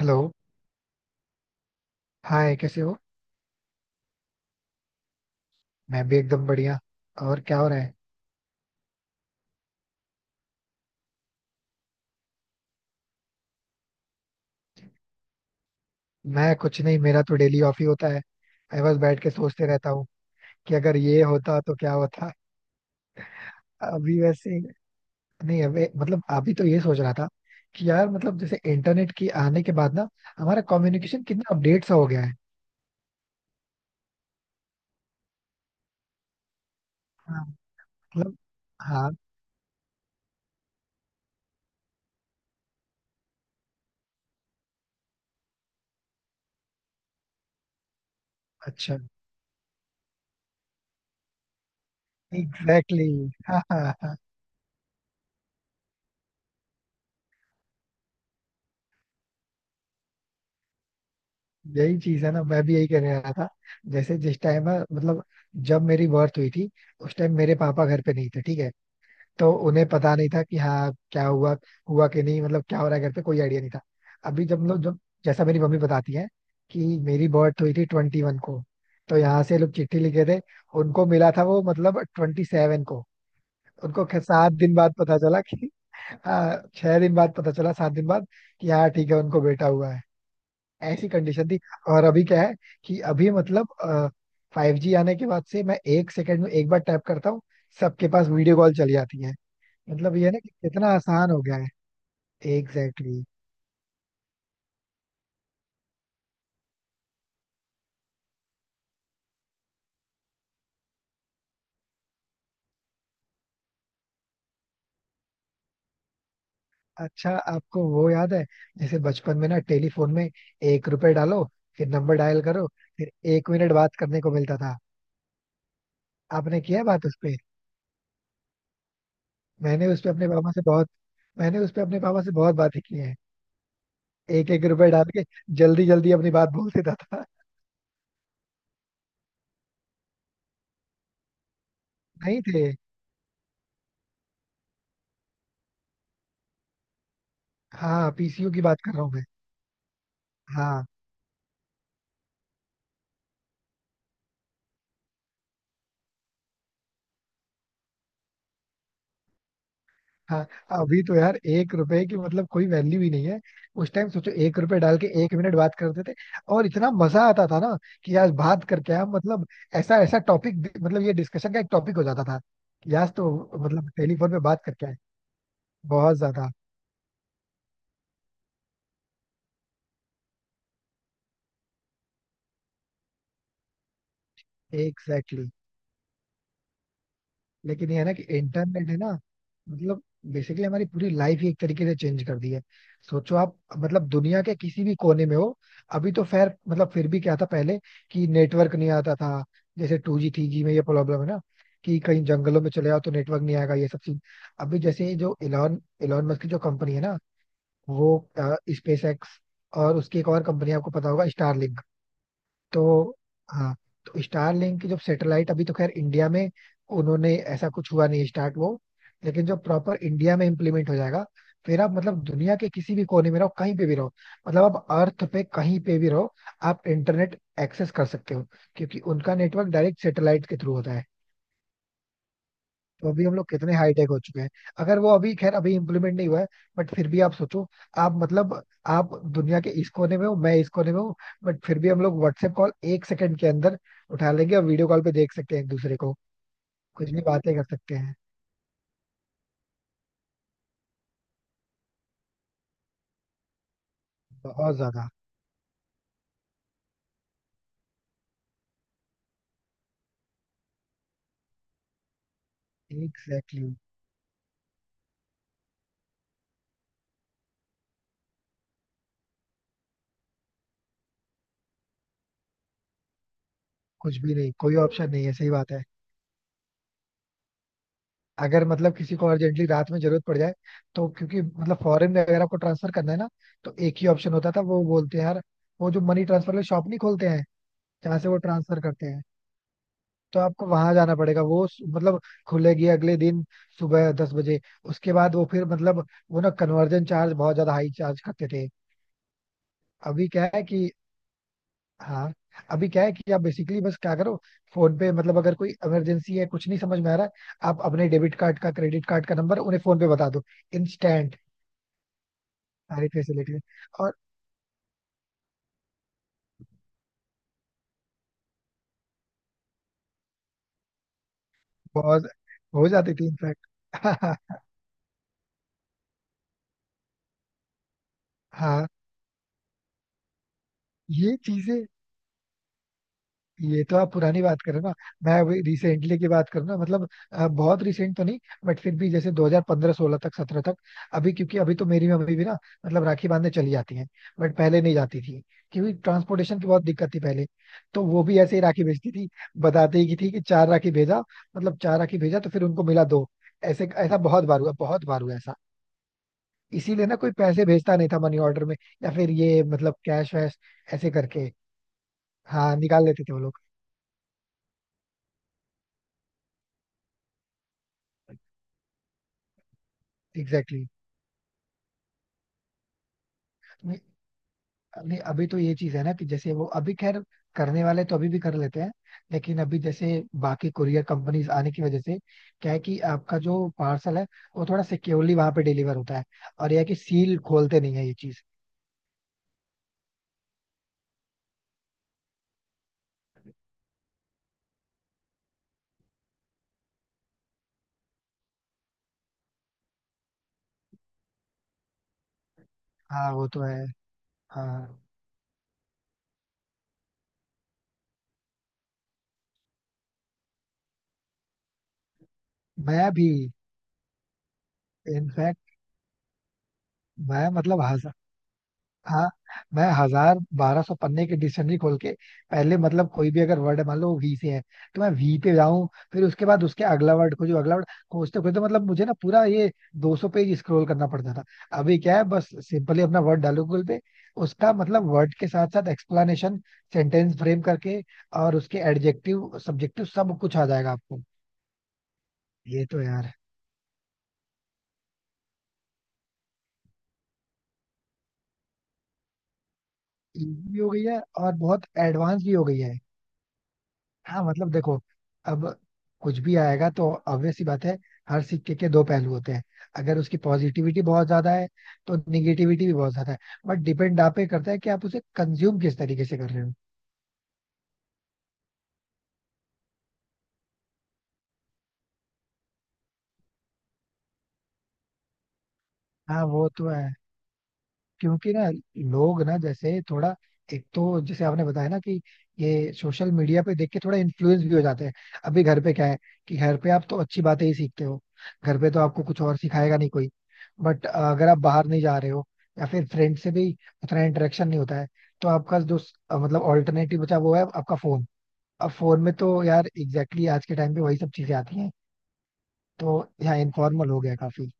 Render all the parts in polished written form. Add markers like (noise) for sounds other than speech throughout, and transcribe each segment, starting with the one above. Hello. Hi, कैसे हो? मैं भी एकदम बढ़िया. और क्या हो रहा है? मैं कुछ नहीं, मेरा तो डेली ऑफ ही होता है. मैं बस बैठ के सोचते रहता हूँ कि अगर ये होता तो क्या होता. अभी वैसे, नहीं अभी मतलब अभी तो ये सोच रहा था कि यार मतलब जैसे इंटरनेट की आने के बाद ना हमारा कम्युनिकेशन कितना अपडेट सा हो गया है. हाँ. मतलब. हाँ. अच्छा. Exactly exactly. हाँ, हाँ, हाँ, यही चीज है ना, मैं भी यही कहने रहा था. जैसे जिस टाइम मतलब जब मेरी बर्थ हुई थी, उस टाइम मेरे पापा घर पे नहीं थे, ठीक है. तो उन्हें पता नहीं था कि हाँ क्या हुआ हुआ कि नहीं, मतलब क्या हो रहा है घर पे, कोई आइडिया नहीं था. अभी जब लोग जब जैसा मेरी मम्मी बताती है कि मेरी बर्थ हुई थी 21 को, तो यहाँ से लोग चिट्ठी लिखे थे, उनको मिला था वो मतलब 27 को. उनको खैर 7 दिन बाद पता चला कि 6 दिन बाद पता चला, 7 दिन बाद कि हाँ ठीक है, उनको बेटा हुआ है. ऐसी कंडीशन थी. और अभी क्या है कि अभी मतलब 5G आने के बाद से मैं 1 सेकंड में एक बार टैप करता हूँ, सबके पास वीडियो कॉल चली जाती है. मतलब ये ना कि कितना आसान हो गया है. Exactly exactly. अच्छा आपको वो याद है, जैसे बचपन में ना टेलीफोन में, 1 रुपए डालो, फिर नंबर डायल करो, फिर 1 मिनट बात करने को मिलता था. आपने किया है बात उस पे? मैंने उस पे अपने पापा से बहुत मैंने उस पे अपने पापा से बहुत बातें की हैं. एक एक रुपए डाल के जल्दी जल्दी अपनी बात बोल देता था. (laughs) नहीं थे. हाँ, पीसीयू की बात कर रहा हूँ मैं. हाँ, हाँ. अभी तो यार 1 रुपए की मतलब कोई वैल्यू ही नहीं है. उस टाइम सोचो, 1 रुपए डाल के 1 मिनट बात करते थे, और इतना मजा आता था ना कि आज बात करके हम मतलब ऐसा ऐसा टॉपिक, मतलब ये डिस्कशन का एक टॉपिक हो जाता था कि आज तो मतलब टेलीफोन पे बात करके आए. बहुत ज्यादा. एग्जैक्टली. लेकिन ये है ना कि इंटरनेट है ना, मतलब बेसिकली हमारी पूरी लाइफ ही एक तरीके से चेंज कर दी है. सोचो, आप मतलब दुनिया के किसी भी कोने में हो. अभी तो खैर मतलब फिर भी क्या था पहले, कि नेटवर्क नहीं आता था जैसे 2G 3G में, ये प्रॉब्लम है ना कि कहीं जंगलों में चले जाओ तो नेटवर्क नहीं आएगा, ये सब चीज. अभी जैसे ये जो एलॉन एलॉन मस्क की जो कंपनी है ना, वो, स्पेस एक्स, और उसकी एक और कंपनी आपको पता होगा, स्टारलिंक. तो, हाँ, तो स्टारलिंक की जो सैटेलाइट, अभी तो खैर इंडिया में उन्होंने ऐसा कुछ हुआ नहीं स्टार्ट, वो. लेकिन जो प्रॉपर इंडिया में इम्प्लीमेंट हो जाएगा, फिर आप मतलब दुनिया के किसी भी कोने में रहो, कहीं पे भी रहो, मतलब आप अर्थ पे कहीं पे भी रहो, आप इंटरनेट एक्सेस कर सकते हो, क्योंकि उनका नेटवर्क डायरेक्ट सैटेलाइट के थ्रू होता है. तो अभी हम लोग कितने हाईटेक हो चुके हैं. अगर वो अभी खैर अभी इम्प्लीमेंट नहीं हुआ है, बट फिर भी आप सोचो, आप मतलब, आप दुनिया के इस कोने में हो, मैं इस कोने में हूँ, बट फिर भी हम लोग व्हाट्सएप कॉल 1 सेकंड के अंदर उठा लेंगे और वीडियो कॉल पे देख सकते हैं एक दूसरे को, कुछ भी बातें कर सकते हैं. बहुत ज्यादा. Exactly exactly. कुछ भी नहीं, कोई ऑप्शन नहीं है, सही बात है. अगर मतलब किसी को अर्जेंटली रात में जरूरत पड़ जाए, तो क्योंकि मतलब फॉरेन में अगर आपको ट्रांसफर करना है ना, तो एक ही ऑप्शन होता था, वो बोलते हैं यार, वो जो मनी ट्रांसफर वाले शॉप नहीं खोलते हैं, जहाँ से वो ट्रांसफर करते हैं. तो आपको वहां जाना पड़ेगा, वो मतलब, खुलेगी अगले दिन सुबह 10 बजे, उसके बाद वो फिर मतलब वो ना कन्वर्जन चार्ज बहुत ज्यादा हाई चार्ज करते थे. अभी क्या है कि, हाँ, अभी क्या है कि आप बेसिकली बस क्या करो, फोन पे मतलब अगर कोई इमरजेंसी है, कुछ नहीं समझ में आ रहा है, आप अपने डेबिट कार्ड का क्रेडिट कार्ड का नंबर उन्हें फोन पे बता दो, इंस्टेंट, सारी फैसिलिटी. और बहुत हो जाती थी इनफैक्ट. (laughs) हाँ, ये चीजें. ये तो आप पुरानी बात कर रहे हो ना. मैं अभी रिसेंटली की बात करूँ ना, मतलब बहुत रिसेंट तो नहीं, बट फिर भी जैसे 2015-16 तक, 17 तक. अभी क्योंकि अभी तो मेरी मम्मी भी ना मतलब राखी बांधने चली जाती हैं. बट पहले नहीं जाती थी, क्योंकि ट्रांसपोर्टेशन की बहुत दिक्कत थी पहले, तो वो भी ऐसे ही राखी भेजती थी. बताते ही की थी कि चार राखी भेजा, मतलब चार राखी भेजा तो फिर उनको मिला दो, ऐसे ऐसा बहुत बार हुआ, बहुत बार हुआ ऐसा. इसीलिए ना कोई पैसे भेजता नहीं था मनी ऑर्डर में, या फिर ये मतलब कैश वैश ऐसे करके, हाँ निकाल लेते थे वो लोग. Exactly exactly. नहीं अभी तो ये चीज है ना, कि जैसे वो अभी खैर करने वाले तो अभी भी कर लेते हैं, लेकिन अभी जैसे बाकी कुरियर कंपनीज आने की वजह से क्या है कि आपका जो पार्सल है वो थोड़ा सिक्योरली वहां पे डिलीवर होता है, और यह है कि सील खोलते नहीं है, ये चीज. हाँ वो तो है. हाँ, मैं भी इनफैक्ट, मैं मतलब हंसा. हाँ, मैं 1000 1200 पन्ने के डिक्शनरी खोल के पहले मतलब कोई भी अगर वर्ड है, मान लो वो वी से है, तो मैं वी पे जाऊं, फिर उसके बाद उसके अगला वर्ड खोजूं, अगला वर्ड खोजते खोजते मतलब मुझे ना पूरा ये 200 पेज स्क्रॉल करना पड़ता था. अभी क्या है, बस सिंपली अपना वर्ड डालो गूगल पे, उसका मतलब वर्ड के साथ साथ एक्सप्लेनेशन सेंटेंस फ्रेम करके, और उसके एडजेक्टिव सब्जेक्टिव सब कुछ आ जाएगा आपको. ये तो यार इजी भी हो गई है और बहुत एडवांस भी हो गई है. हाँ मतलब देखो, अब कुछ भी आएगा तो obvious सी बात है, हर सिक्के के दो पहलू होते हैं. अगर उसकी पॉजिटिविटी बहुत ज्यादा है तो निगेटिविटी भी बहुत ज्यादा है, बट डिपेंड आप पे करता है कि आप उसे कंज्यूम किस तरीके से कर रहे हो. हाँ वो तो है, क्योंकि ना लोग ना जैसे थोड़ा, एक तो जैसे आपने बताया ना कि ये सोशल मीडिया पे देख के थोड़ा इन्फ्लुएंस भी हो जाते हैं. अभी घर पे क्या है, कि घर पे आप तो अच्छी बातें ही सीखते हो, घर पे तो आपको कुछ और सिखाएगा नहीं कोई, बट अगर आप बाहर नहीं जा रहे हो या फिर फ्रेंड से भी उतना इंटरेक्शन नहीं होता है, तो आपका जो मतलब ऑल्टरनेटिव बचा वो है आपका फोन. अब फोन में तो यार, एग्जैक्टली exactly, आज के टाइम पे वही सब चीजें आती हैं, तो यहाँ इनफॉर्मल हो गया काफी.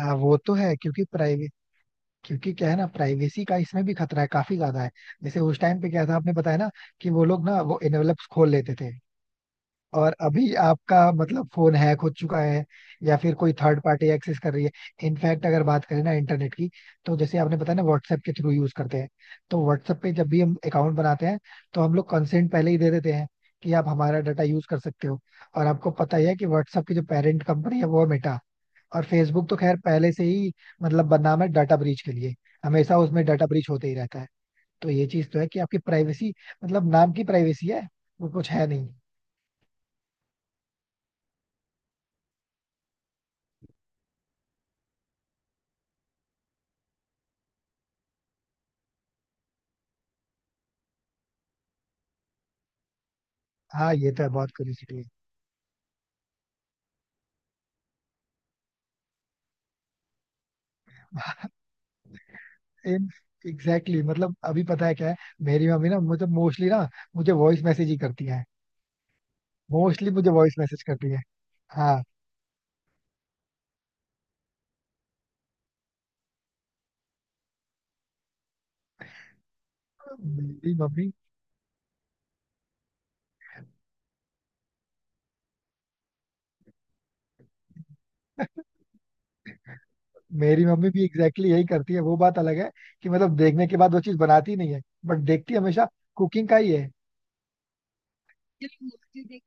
हाँ वो तो है, क्योंकि प्राइवेसी, क्योंकि क्या है ना, प्राइवेसी का इसमें भी खतरा है, काफी ज्यादा है. जैसे उस टाइम पे क्या था, आपने बताया ना कि वो लोग ना वो एनवेलप्स खोल लेते थे, और अभी आपका मतलब फोन हैक हो चुका है, या फिर कोई थर्ड पार्टी एक्सेस कर रही है. इनफैक्ट अगर बात करें ना इंटरनेट की, तो जैसे आपने बताया ना व्हाट्सएप के थ्रू यूज करते हैं, तो व्हाट्सएप पे जब भी हम अकाउंट बनाते हैं तो हम लोग कंसेंट पहले ही दे देते हैं कि आप हमारा डाटा यूज कर सकते हो. और आपको पता ही है कि व्हाट्सएप की जो पेरेंट कंपनी है वो है मेटा. और फेसबुक तो खैर पहले से ही मतलब बदनाम है डाटा ब्रीच के लिए, हमेशा उसमें डाटा ब्रीच होते ही रहता है. तो ये चीज तो है कि आपकी प्राइवेसी, मतलब नाम की प्राइवेसी है, वो कुछ है नहीं. हाँ ये तो है, बहुत क्यूरियोसिटी है. एग्जैक्टली exactly, मतलब अभी पता है क्या है, मेरी मम्मी ना मुझे मोस्टली ना मुझे वॉइस मैसेज ही करती है. मोस्टली मुझे वॉइस मैसेज करती है. हाँ. मेरी मम्मी, मेरी मम्मी भी एग्जैक्टली exactly यही करती है, वो बात अलग है कि मतलब देखने के बाद वो चीज बनाती नहीं है बट देखती हमेशा कुकिंग का ही है.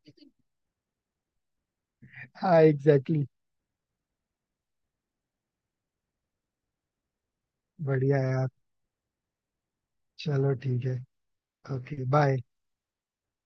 हाँ एग्जैक्टली exactly. बढ़िया यार, चलो ठीक है. Okay bye.